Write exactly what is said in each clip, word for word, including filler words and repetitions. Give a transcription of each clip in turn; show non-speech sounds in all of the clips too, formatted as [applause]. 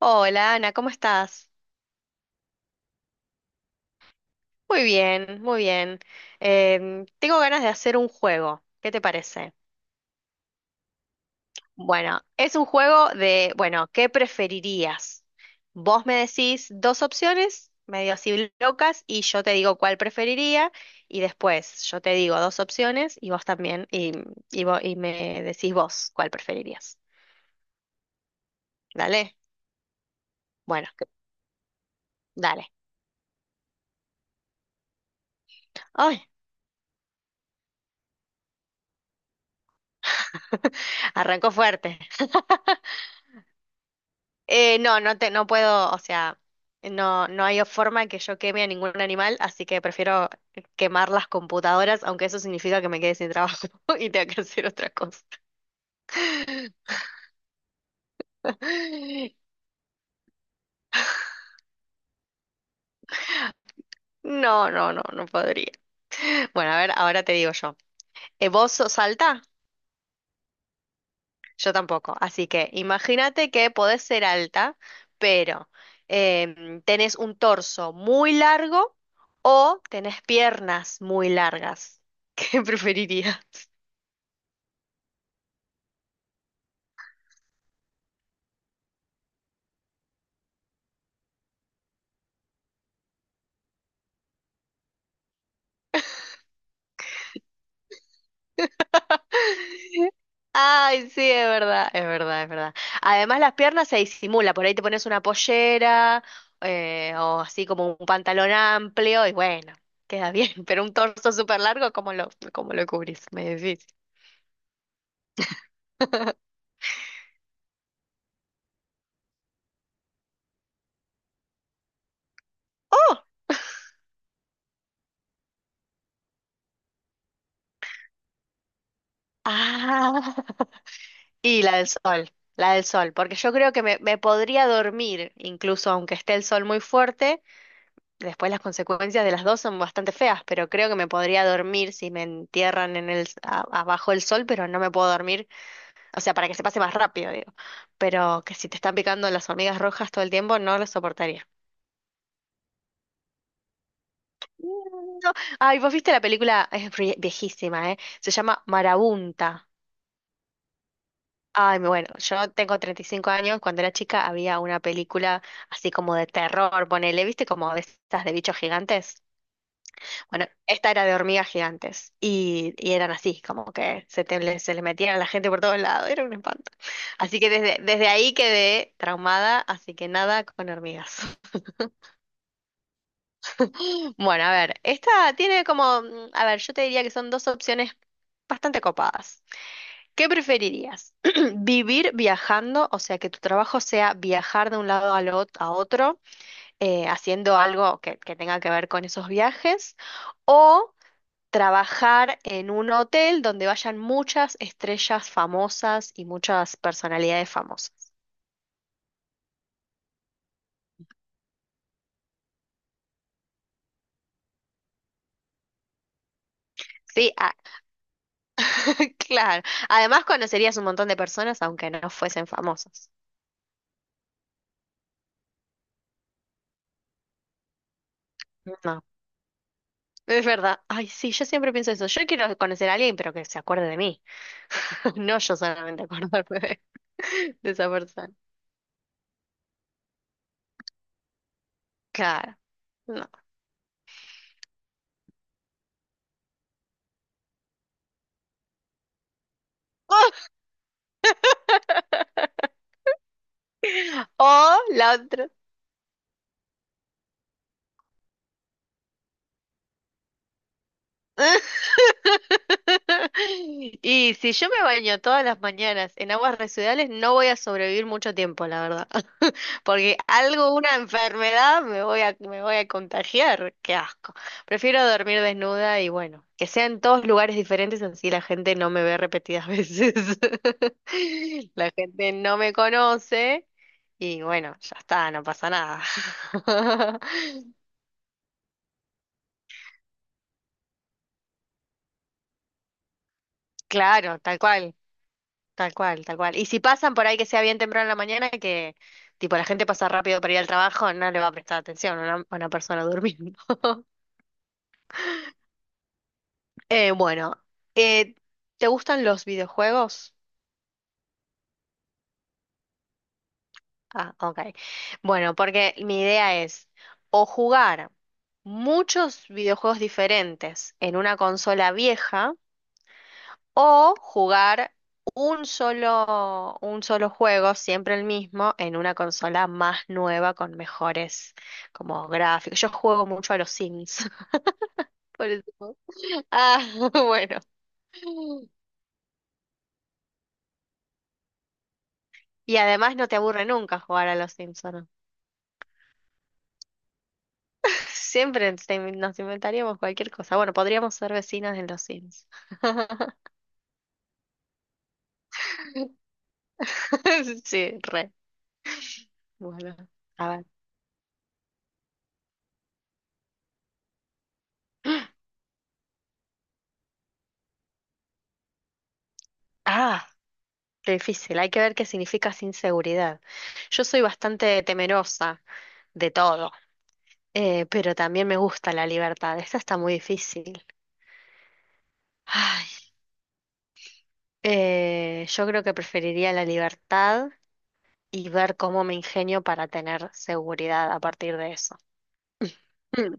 Hola Ana, ¿cómo estás? Muy bien, muy bien. Em, tengo ganas de hacer un juego. ¿Qué te parece? Bueno, es un juego de, bueno, ¿qué preferirías? Vos me decís dos opciones, medio así locas, y yo te digo cuál preferiría, y después yo te digo dos opciones y vos también, y, y, vo- y me decís vos cuál preferirías. ¿Dale? Bueno, dale. Ay, [laughs] arrancó fuerte. Eh, no, no te, no puedo, o sea, no, no hay forma que yo queme a ningún animal, así que prefiero quemar las computadoras, aunque eso significa que me quede sin trabajo [laughs] y tenga que hacer otra cosa. [laughs] No, no, no, no podría. Bueno, a ver, ahora te digo yo. Eh, ¿vos sos alta? Yo tampoco. Así que imagínate que podés ser alta, pero em, tenés un torso muy largo o tenés piernas muy largas. [laughs] ¿Qué preferirías? Ay, sí, es verdad, es verdad, es verdad. Además, las piernas se disimula, por ahí te pones una pollera eh, o así como un pantalón amplio y bueno, queda bien, [laughs] pero un torso súper largo, ¿cómo lo, ¿cómo lo cubrís? Medio difícil. [laughs] ¡Oh! Ah, y la del sol, la del sol, porque yo creo que me, me podría dormir, incluso aunque esté el sol muy fuerte, después las consecuencias de las dos son bastante feas, pero creo que me podría dormir si me entierran en el, a- abajo del sol, pero no me puedo dormir. O sea, para que se pase más rápido, digo. Pero que si te están picando las hormigas rojas todo el tiempo, no lo soportaría. No. Ay, vos viste la película, es vie- viejísima, ¿eh? Se llama Marabunta. Ay, bueno, yo tengo treinta y cinco años. Cuando era chica había una película así como de terror, ponele, ¿viste? Como de estas de bichos gigantes. Bueno, esta era de hormigas gigantes. Y, y eran así, como que se, te, le- se les metían a la gente por todos lados. Era un espanto. Así que desde, desde ahí quedé traumada, así que nada con hormigas. Bueno, a ver, esta tiene como, mm, a ver, yo te diría que son dos opciones bastante copadas. ¿Qué preferirías? [clears throat] ¿Vivir viajando, o sea, que tu trabajo sea viajar de un lado al ot- a otro, eh, haciendo algo que, que tenga que ver con esos viajes? ¿O trabajar en un hotel donde vayan muchas estrellas famosas y muchas personalidades famosas? Sí, ah, [laughs] claro. Además conocerías un montón de personas aunque no fuesen famosas. No. Es verdad. Ay, sí, yo siempre pienso eso. Yo quiero conocer a alguien, pero que se acuerde de mí. [laughs] No yo solamente acordarme de, de esa persona. Claro. No. [laughs] O la otra. [laughs] Y si yo me baño todas las mañanas en aguas residuales, no voy a sobrevivir mucho tiempo, la verdad. [laughs] Porque algo, una enfermedad, me voy a, me voy a contagiar. Qué asco. Prefiero dormir desnuda y bueno, que sea en todos lugares diferentes, así la gente no me ve repetidas veces. [laughs] La gente no me conoce y bueno, ya está, no pasa nada. [laughs] Claro, tal cual. Tal cual, tal cual. Y si pasan por ahí que sea bien temprano en la mañana, que tipo la gente pasa rápido para ir al trabajo, no le va a prestar atención a una, a una persona durmiendo. [laughs] Eh, bueno, eh, ¿te gustan los videojuegos? Ah, ok. Bueno, porque mi idea es o jugar muchos videojuegos diferentes en una consola vieja. O jugar un solo, un solo juego, siempre el mismo, en una consola más nueva con mejores como gráficos. Yo juego mucho a los Sims, [laughs] por eso. Ah, [laughs] bueno. Y además no te aburre nunca jugar a los Sims, ¿o no? [laughs] Siempre te- nos inventaríamos cualquier cosa. Bueno, podríamos ser vecinas en los Sims. [laughs] Sí, re. Bueno, a ver. Ah, qué difícil. Hay que ver qué significa sin seguridad. Yo soy bastante temerosa de todo. Eh, pero también me gusta la libertad. Esta está muy difícil. Ay, eh, yo creo que preferiría la libertad y ver cómo me ingenio para tener seguridad a partir de eso. Mm.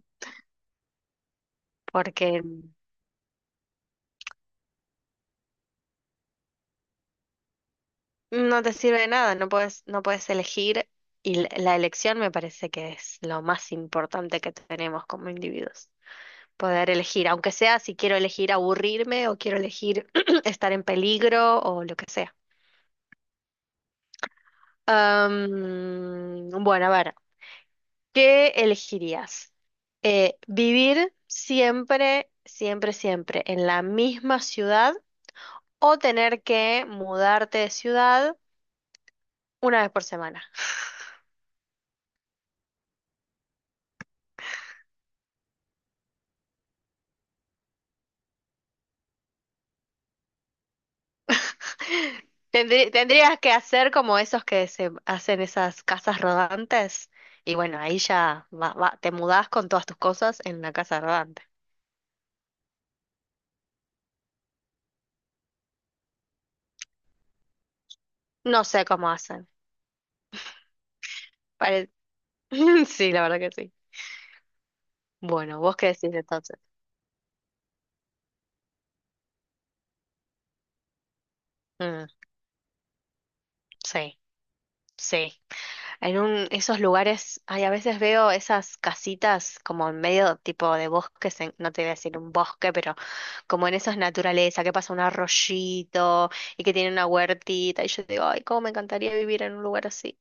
Porque no te sirve de nada, no puedes, no puedes elegir y la la elección me parece que es lo más importante que tenemos como individuos. Poder elegir, aunque sea si quiero elegir aburrirme o quiero elegir [clears throat] estar en peligro o lo que sea. Am, bueno, a ver, ¿qué elegirías? Eh, ¿vivir siempre, siempre, siempre en la misma ciudad o tener que mudarte de ciudad una vez por semana? [laughs] Tendrí- tendrías que hacer como esos que se hacen esas casas rodantes y bueno, ahí ya va- va- te mudás con todas tus cosas en la casa rodante. No sé cómo hacen. Pare- [laughs] Sí, la verdad que sí. Bueno, ¿vos qué decís entonces? Mm, sí, sí. En un, esos lugares, ay, a veces veo esas casitas como en medio tipo de bosques, en- no te voy a decir un bosque, pero como en esas naturaleza, que pasa un arroyito y que tiene una huertita, y yo digo, ay, cómo me encantaría vivir en un lugar así.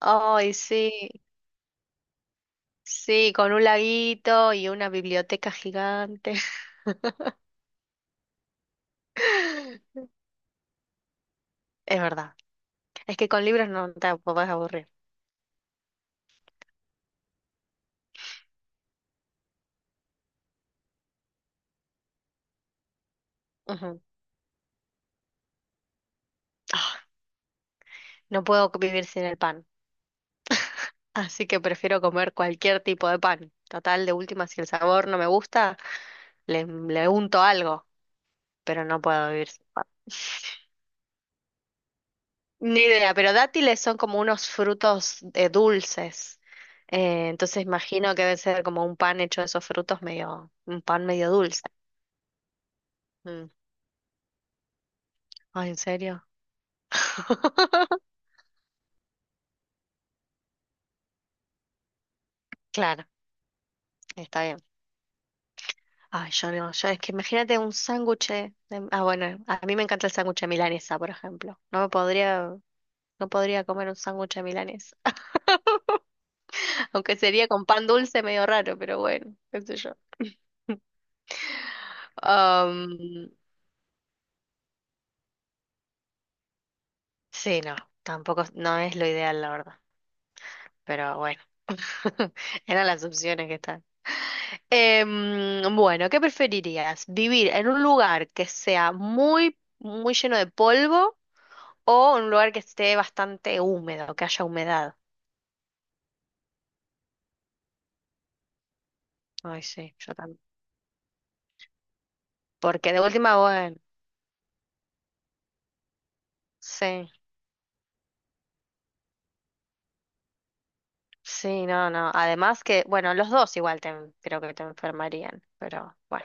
Ay, sí, sí, con un laguito y una biblioteca gigante. [laughs] Es verdad, es que con libros no te podés aburrir. Ujú. Ah, no puedo vivir sin el pan. Así que prefiero comer cualquier tipo de pan. Total, de última, si el sabor no me gusta, le, le unto algo, pero no puedo vivir sin pan. Ni idea, pero dátiles son como unos frutos eh, dulces. Eh, entonces imagino que debe ser como un pan hecho de esos frutos medio, un pan medio dulce. Mm. Ay, ¿en serio? [laughs] Claro, está bien. Ay, yo no, yo es que imagínate un sándwich de- ah, bueno, a mí me encanta el sándwich de milanesa, por ejemplo. No me podría, no podría comer un sándwich de milanesa. Aunque sería con pan dulce medio raro, pero bueno, qué sé yo. Am, sí, no, tampoco no es lo ideal, la verdad. Pero bueno, [laughs] eran las opciones que están. Em, bueno, ¿qué preferirías? ¿Vivir en un lugar que sea muy, muy lleno de polvo o en un lugar que esté bastante húmedo, que haya humedad? Ay, sí, yo también. Porque de última, bueno, sí. Sí, no, no. Además que, bueno, los dos igual te, en- creo que te enfermarían, pero bueno.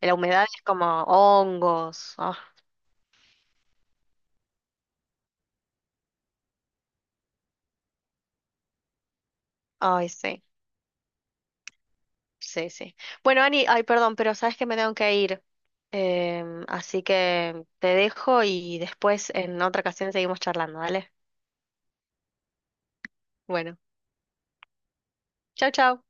La humedad es como hongos. ah, Ay, sí, sí, sí. Bueno, Ani, ay, perdón, pero sabes que me tengo que ir. Em, así que te dejo y después en otra ocasión seguimos charlando, ¿vale? Bueno, chao, chao.